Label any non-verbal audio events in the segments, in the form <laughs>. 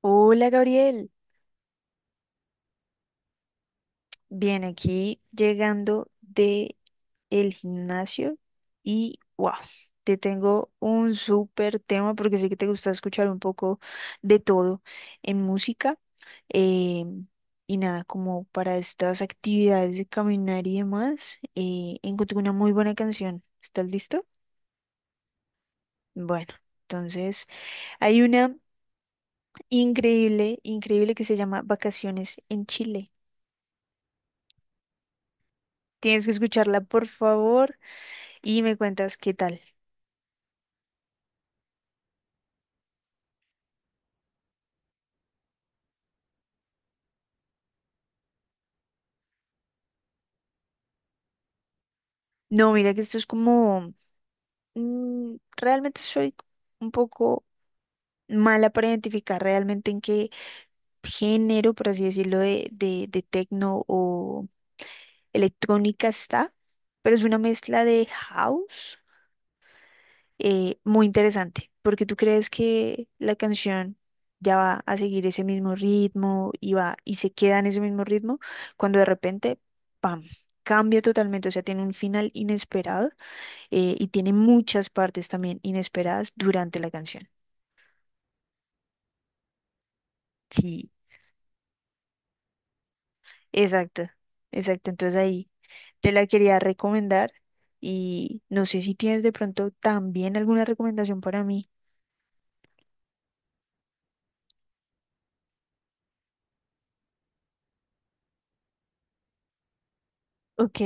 Hola Gabriel, bien aquí llegando de el gimnasio y wow, te tengo un súper tema porque sé que te gusta escuchar un poco de todo en música, eh, y nada, como para estas actividades de caminar y demás, encontré una muy buena canción. ¿Estás listo? Bueno, entonces hay una increíble, increíble que se llama Vacaciones en Chile. Tienes que escucharla, por favor. Y me cuentas qué tal. No, mira que esto es como, realmente soy un poco mala para identificar realmente en qué género, por así decirlo, de tecno o electrónica está, pero es una mezcla de house muy interesante, porque tú crees que la canción ya va a seguir ese mismo ritmo y va y se queda en ese mismo ritmo, cuando de repente, ¡pam! Cambia totalmente, o sea, tiene un final inesperado y tiene muchas partes también inesperadas durante la canción. Sí, exacto, exacto. Entonces ahí te la quería recomendar y no sé si tienes de pronto también alguna recomendación para mí. Ok.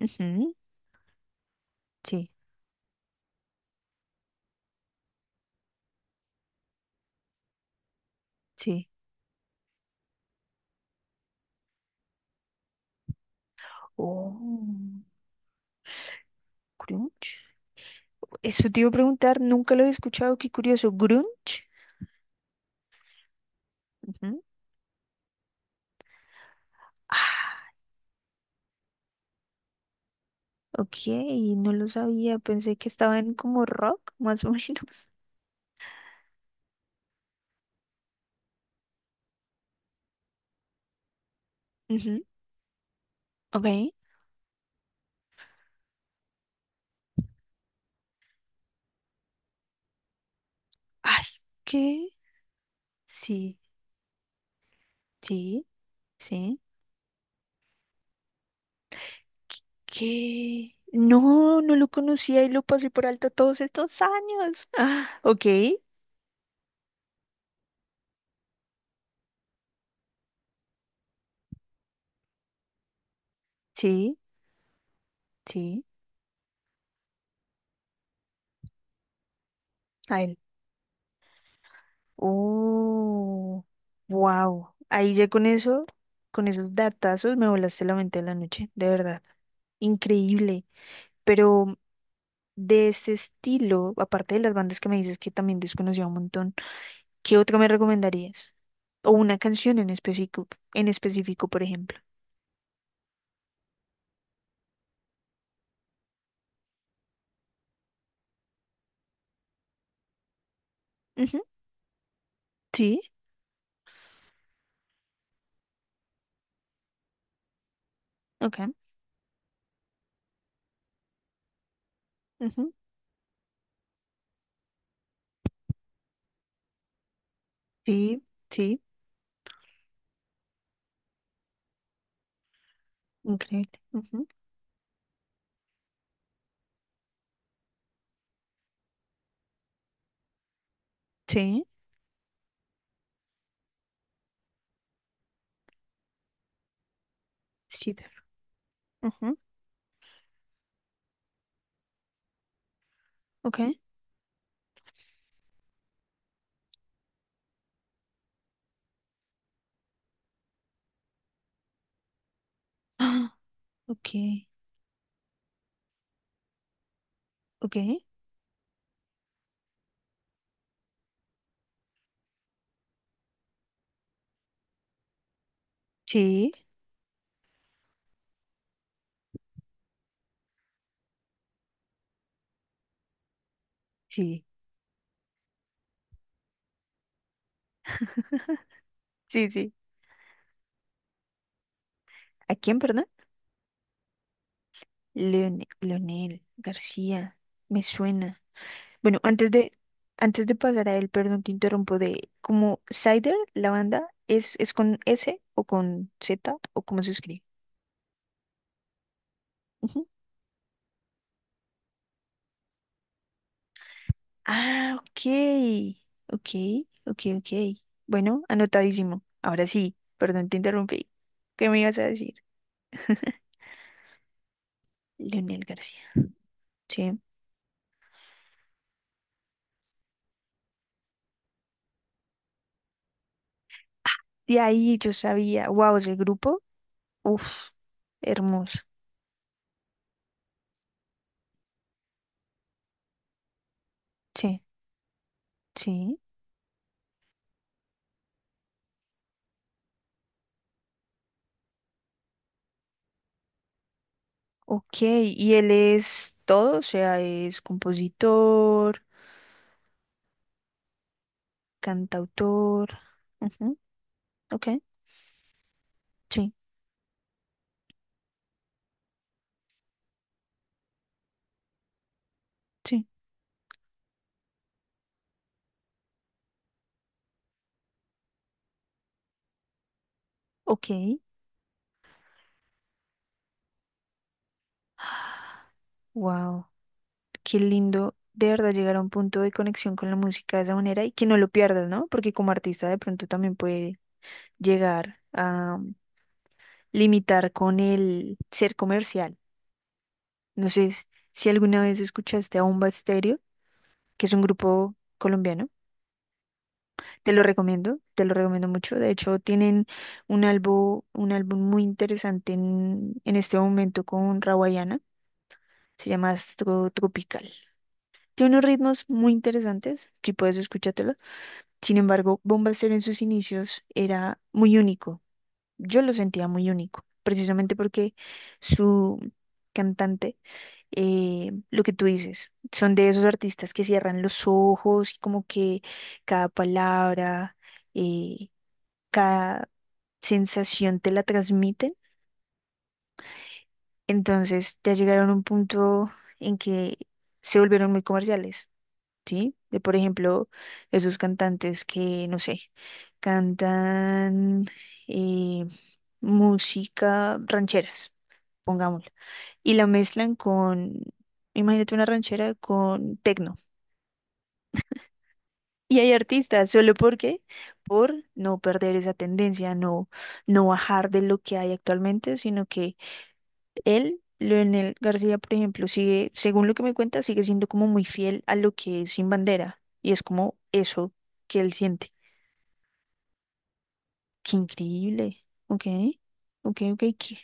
Ujú. Sí, sí. Oh, grunge. Eso te iba a preguntar, nunca lo he escuchado, qué curioso. Grunge. Ujú. Ah, ok, no lo sabía, pensé que estaba en como rock, más o menos. Ujú. Ok. Ay, ¿qué? Sí. Sí, sí. ¿Qué? No, no lo conocía y lo pasé por alto todos estos años. Ah, ok, sí, sí, a él. Oh, wow. Ahí ya con eso, con esos datazos me volaste la mente de la noche, de verdad. Increíble. Pero de ese estilo, aparte de las bandas que me dices que también desconocía un montón, ¿qué otro me recomendarías? O una canción en específico, por ejemplo. Ujú. Sí, ok. Sí, sí, increíble. Ujú. Sí, cheater. Ujú. Ok. Ah, ok, ok. Sí, sí, sí, sí. ¿A quién, perdón? Leonel García. Me suena. Bueno, antes de pasar a él, perdón, te interrumpo de como Cider, la banda, ¿es con S o con Z o cómo se escribe? Ah, ok. Ok, ok, ok. Bueno, anotadísimo. Ahora sí, perdón, te interrumpí. ¿Qué me ibas a decir? <laughs> Leonel García. Sí. De ahí yo sabía, wow, ese grupo, uff, hermoso. Sí, sí. Ok, y él es todo, o sea, es compositor, cantautor. Ujú. Ok, sí, sí, ok. <gasps> Wow. Qué lindo de verdad llegar a un punto de conexión con la música de esa manera y que no lo pierdas, ¿no? Porque como artista de pronto también puede llegar a limitar con el ser comercial. No sé si alguna vez escuchaste a Bomba Estéreo, que es un grupo colombiano. Te lo recomiendo mucho. De hecho, tienen un álbum muy interesante en este momento con Rawayana. Se llama Astro Tropical. Tiene unos ritmos muy interesantes. Si puedes, escúchatelo. Sin embargo, Bombaster en sus inicios era muy único. Yo lo sentía muy único, precisamente porque su cantante, lo que tú dices, son de esos artistas que cierran los ojos y como que cada palabra, eh, cada sensación te la transmiten. Entonces ya llegaron a un punto en que se volvieron muy comerciales. ¿Sí? De, por ejemplo, esos cantantes que, no sé, cantan eh, música rancheras, pongámoslo, y la mezclan con, imagínate una ranchera con tecno. Y hay artistas, solo porque, por no perder esa tendencia, no, no bajar de lo que hay actualmente, sino que él, Leonel García, por ejemplo, sigue, según lo que me cuenta, sigue siendo como muy fiel a lo que es Sin Bandera, y es como eso que él siente. Qué increíble. Ok, ok, ok.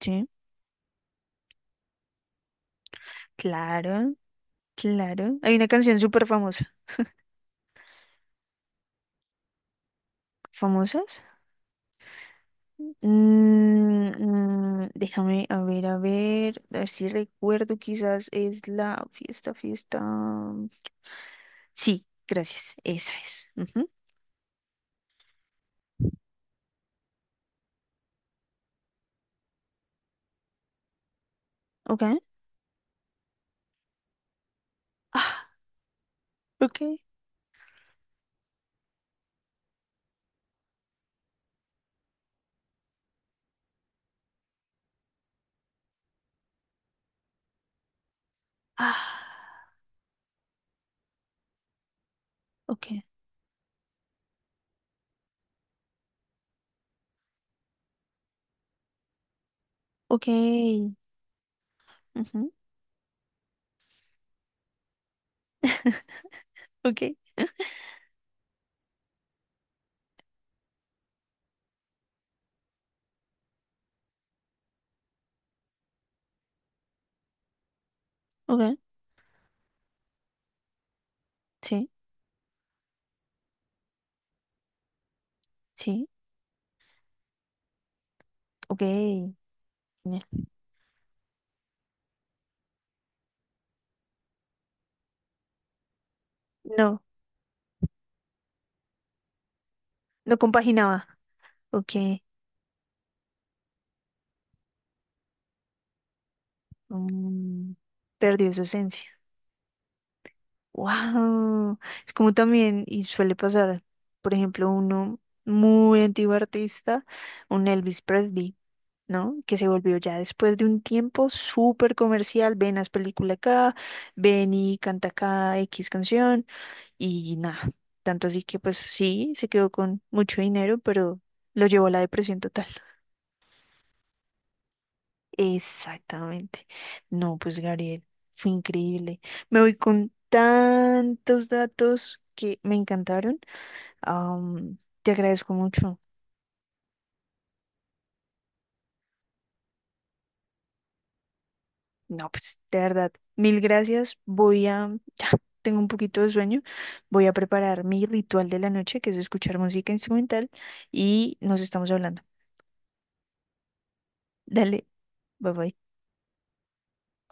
Sí, claro, claro. Hay una canción súper famosa. ¿Famosas? Mm, déjame, a ver, a ver, a ver si recuerdo, quizás es la fiesta, fiesta. Sí, gracias, esa es. Ujú. Ok. Ah, ok. Ah, ok. Ok. Ujú, <laughs> ok, ok. Sí, sí, ok. Genial. No, no compaginaba. Ok. Mm, perdió su esencia. Wow. Es como también, y suele pasar, por ejemplo, uno muy antiguo artista, un Elvis Presley, ¿no? Que se volvió ya después de un tiempo súper comercial. Ven, haz película acá, ven y canta acá X canción, y nada. Tanto así que, pues sí, se quedó con mucho dinero, pero lo llevó a la depresión total. Exactamente. No, pues Gabriel, fue increíble. Me voy con tantos datos que me encantaron. Am, te agradezco mucho. No, pues de verdad, mil gracias. Voy a, <laughs> ya, tengo un poquito de sueño. Voy a preparar mi ritual de la noche, que es escuchar música instrumental, y nos estamos hablando. Dale, bye bye.